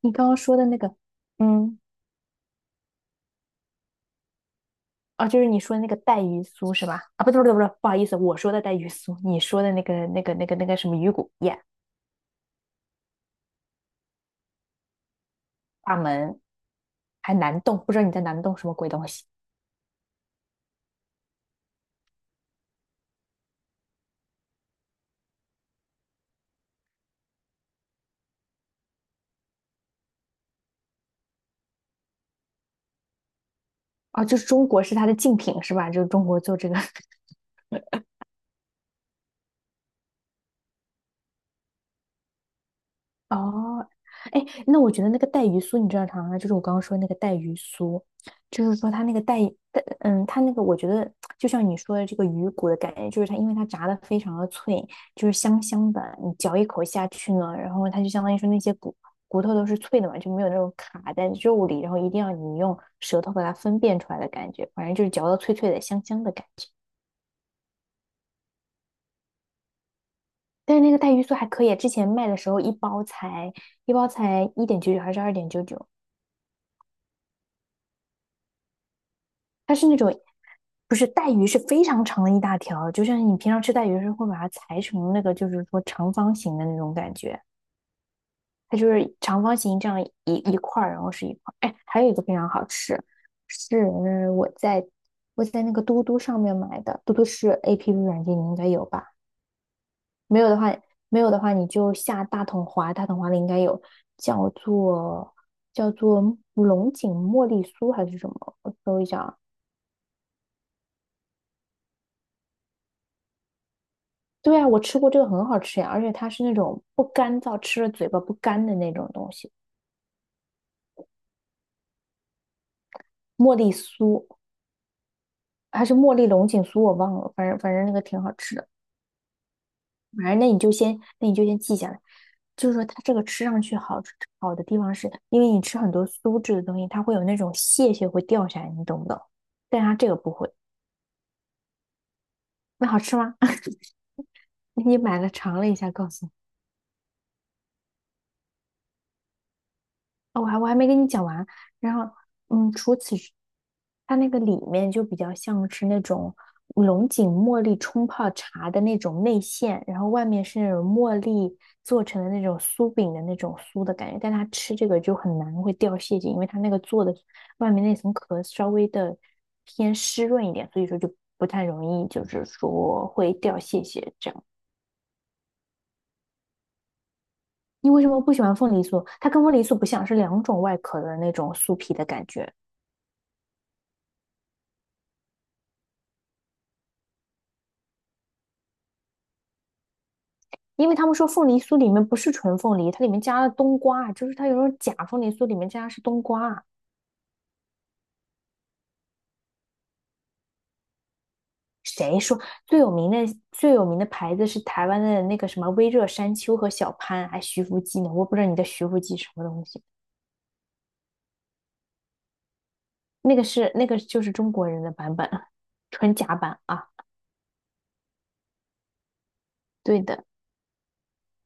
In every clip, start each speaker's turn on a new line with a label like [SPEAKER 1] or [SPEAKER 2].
[SPEAKER 1] 你刚刚说的那个，嗯，啊，就是你说的那个带鱼酥是吧？啊，不对，不好意思，我说的带鱼酥，你说的那个什么鱼骨耶，大门，还南洞，不知道你在南洞什么鬼东西？啊？就是中国是它的竞品是吧？就是中国做这个，哦，哎，那我觉得那个带鱼酥，你知道啥吗？就是我刚刚说那个带鱼酥，就是说它那个带，嗯，它那个我觉得就像你说的这个鱼骨的感觉，就是它因为它炸的非常的脆，就是香香的，你嚼一口下去呢，然后它就相当于说那些骨头都是脆的嘛，就没有那种卡在肉里，然后一定要你用舌头把它分辨出来的感觉，反正就是嚼到脆脆的、香香的感觉。但是那个带鱼酥还可以啊，之前卖的时候一包才1.99还是2.99。它是那种不是带鱼，是非常长的一大条，就像你平常吃带鱼是会把它裁成那个，就是说长方形的那种感觉，它就是长方形这样一块儿，然后是一块儿。哎，还有一个非常好吃，是我在我在那个嘟嘟上面买的，嘟嘟是 APP 软件，你应该有吧？没有的话，没有的话你就下大统华，大统华里应该有，叫做叫做龙井茉莉酥还是什么？我搜一下，对啊，我吃过这个很好吃呀，而且它是那种不干燥，吃了嘴巴不干的那种东西，茉莉酥还是茉莉龙井酥，我忘了，反正那个挺好吃的。反正那你就先，那你就先记下来。就是说，它这个吃上去好的地方是，因为你吃很多酥质的东西，它会有那种屑屑会掉下来，你懂不懂？但它这个不会。那好吃吗？你买了尝了一下，告诉我。哦，我还没跟你讲完。然后，嗯，除此之，它那个里面就比较像是那种龙井茉莉冲泡茶的那种内馅，然后外面是那种茉莉做成的那种酥饼的那种酥的感觉。但它吃这个就很难会掉屑屑，因为它那个做的外面那层壳稍微的偏湿润一点，所以说就不太容易，就是说会掉屑屑这样。你为什么不喜欢凤梨酥？它跟凤梨酥不像，是两种外壳的那种酥皮的感觉。因为他们说凤梨酥里面不是纯凤梨，它里面加了冬瓜，就是它有种假凤梨酥里面加的是冬瓜。谁说最有名的最有名的牌子是台湾的那个什么微热山丘和小潘，还徐福记呢？我不知道你的徐福记什么东西，那个是那个就是中国人的版本，纯假版啊。对的。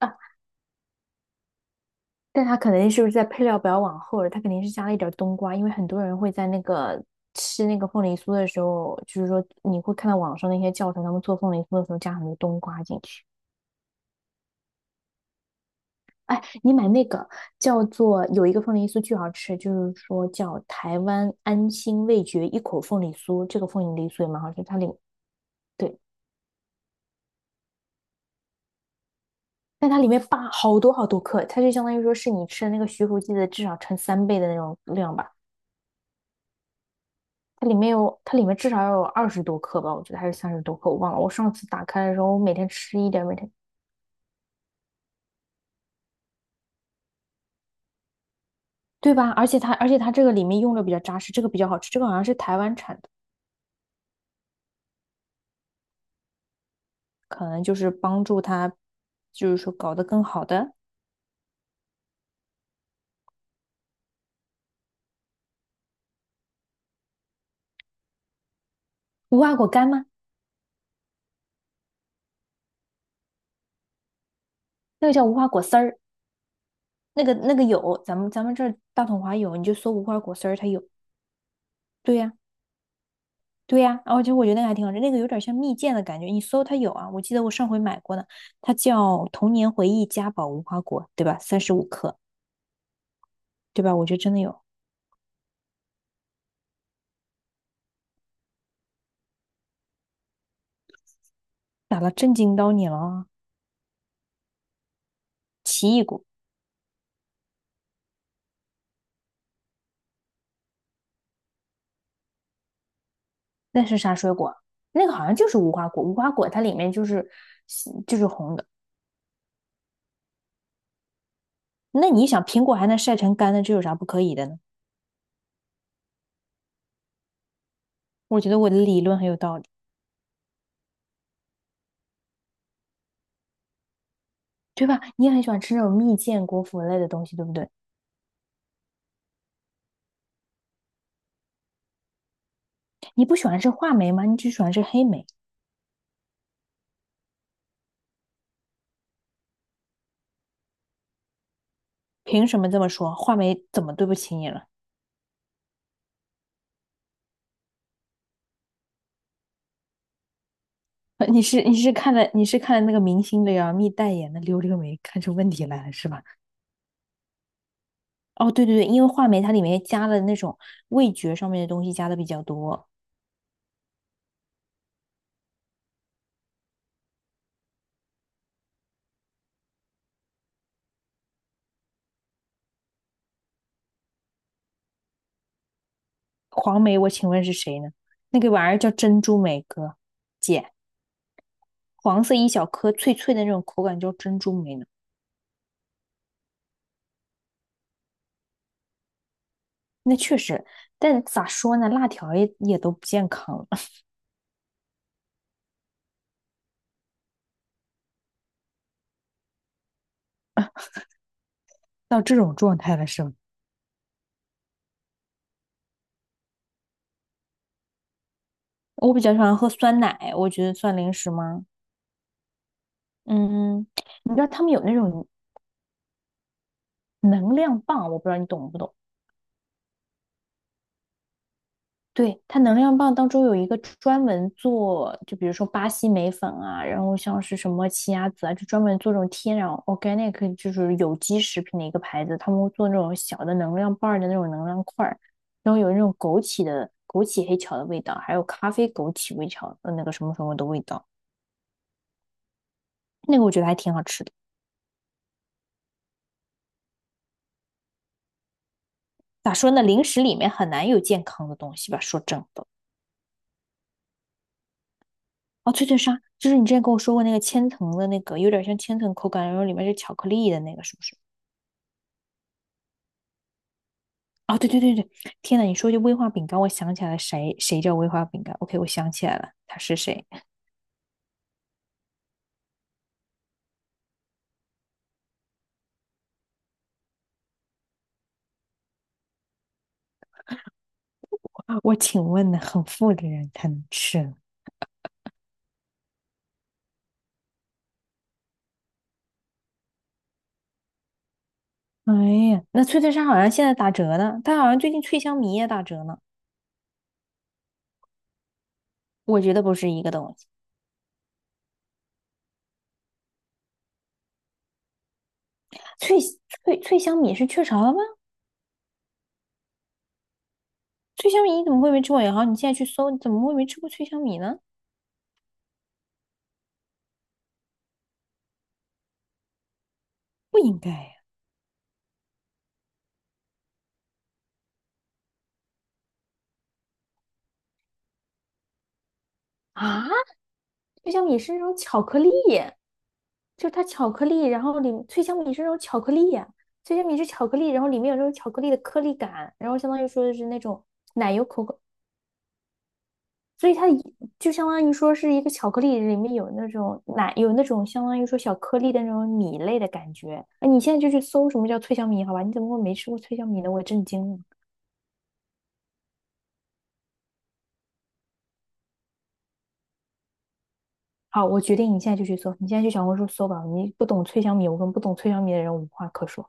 [SPEAKER 1] 啊。但它肯定是不是在配料表往后了？它肯定是加了一点儿冬瓜，因为很多人会在那个吃那个凤梨酥的时候，就是说你会看到网上那些教程，他们做凤梨酥的时候加很多冬瓜进去。哎，你买那个叫做有一个凤梨酥巨好吃，就是说叫台湾安心味觉一口凤梨酥，这个凤梨酥也蛮好吃，它里对，但它里面扒好多好多克，它就相当于说是你吃的那个徐福记的至少乘3倍的那种量吧。它里面有，它里面至少要有20多克吧，我觉得还是30多克，我忘了。我上次打开的时候，我每天吃一点，每天，对吧？而且它这个里面用的比较扎实，这个比较好吃，这个好像是台湾产的，可能就是帮助它，就是说搞得更好的无花果干吗？那个叫无花果丝儿，那个有，咱们这儿大统华有，你就搜无花果丝儿，它有。对呀、对呀、其实我觉得那个还挺好吃，那个有点像蜜饯的感觉，你搜它有啊，我记得我上回买过呢，它叫童年回忆嘉宝无花果，对吧？35克。对吧？我觉得真的有打了震惊到你了啊！那是啥水果啊？那个好像就是无花果，无花果它里面就是就是红的。那你想，苹果还能晒成干的，这有啥不可以的呢？我觉得我的理论很有道理，对吧？你也很喜欢吃那种蜜饯、果脯类的东西，对不对？你不喜欢吃话梅吗？你只喜欢吃黑莓，凭什么这么说？话梅怎么对不起你了？你是看了那个明星的呀，蜜代言的溜溜梅看出问题来了是吧？哦，对，因为话梅它里面加了那种味觉上面的东西加的比较多。黄梅，我请问是谁呢？那个玩意儿叫珍珠梅哥，姐，黄色一小颗，脆脆的那种口感叫珍珠梅呢。那确实，但咋说呢，辣条也都不健康了 到这种状态了是吗？我比较喜欢喝酸奶，我觉得算零食吗？嗯，嗯你知道他们有那种能量棒，我不知道你懂不懂。对，它能量棒当中有一个专门做，就比如说巴西莓粉啊，然后像是什么奇亚籽啊，就专门做这种天然 organic，就是有机食品的一个牌子，他们会做那种小的能量棒儿的那种能量块儿，然后有那种枸杞的枸杞黑巧的味道，还有咖啡枸杞微巧的那个什么什么的味道，那个我觉得还挺好吃的。咋说呢，零食里面很难有健康的东西吧，说真的。哦，脆脆鲨，就是你之前跟我说过那个千层的那个，有点像千层口感，然后里面是巧克力的那个，是不是？哦，对，天呐，你说这威化饼干，我想起来了，谁叫威化饼干？OK，我想起来了，他是谁？我请问呢，很富的人才能吃。哎呀，那脆脆鲨好像现在打折呢，它好像最近脆香米也打折呢。我觉得不是一个东西，脆脆脆香米是雀巢的吗？脆香米你怎么会没吃过？也好，你现在去搜，你怎么会没吃过脆香米呢？不应该呀！啊，脆香米是那种巧克力，就是它巧克力，然后里脆香米是那种巧克力脆香米是巧克力，然后里面有那种巧克力的颗粒感，然后相当于说是那种奶油口感，所以它一就相当于说是一个巧克力里面有那种奶，有那种相当于说小颗粒的那种米类的感觉。哎，你现在就去搜什么叫脆香米，好吧？你怎么会没吃过脆香米呢？我震惊了。好，我决定你现在就去搜，你现在去小红书搜吧。你不懂脆香米，我跟不懂脆香米的人无话可说。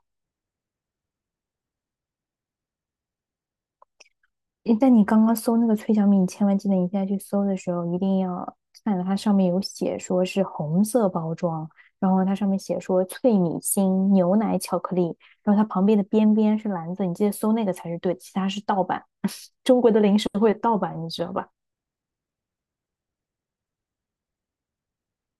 [SPEAKER 1] 诶但你刚刚搜那个脆小米，你千万记得，你现在去搜的时候一定要看它上面有写说是红色包装，然后它上面写说脆米心、牛奶巧克力，然后它旁边的边边是蓝色，你记得搜那个才是对的，其他是盗版。吧？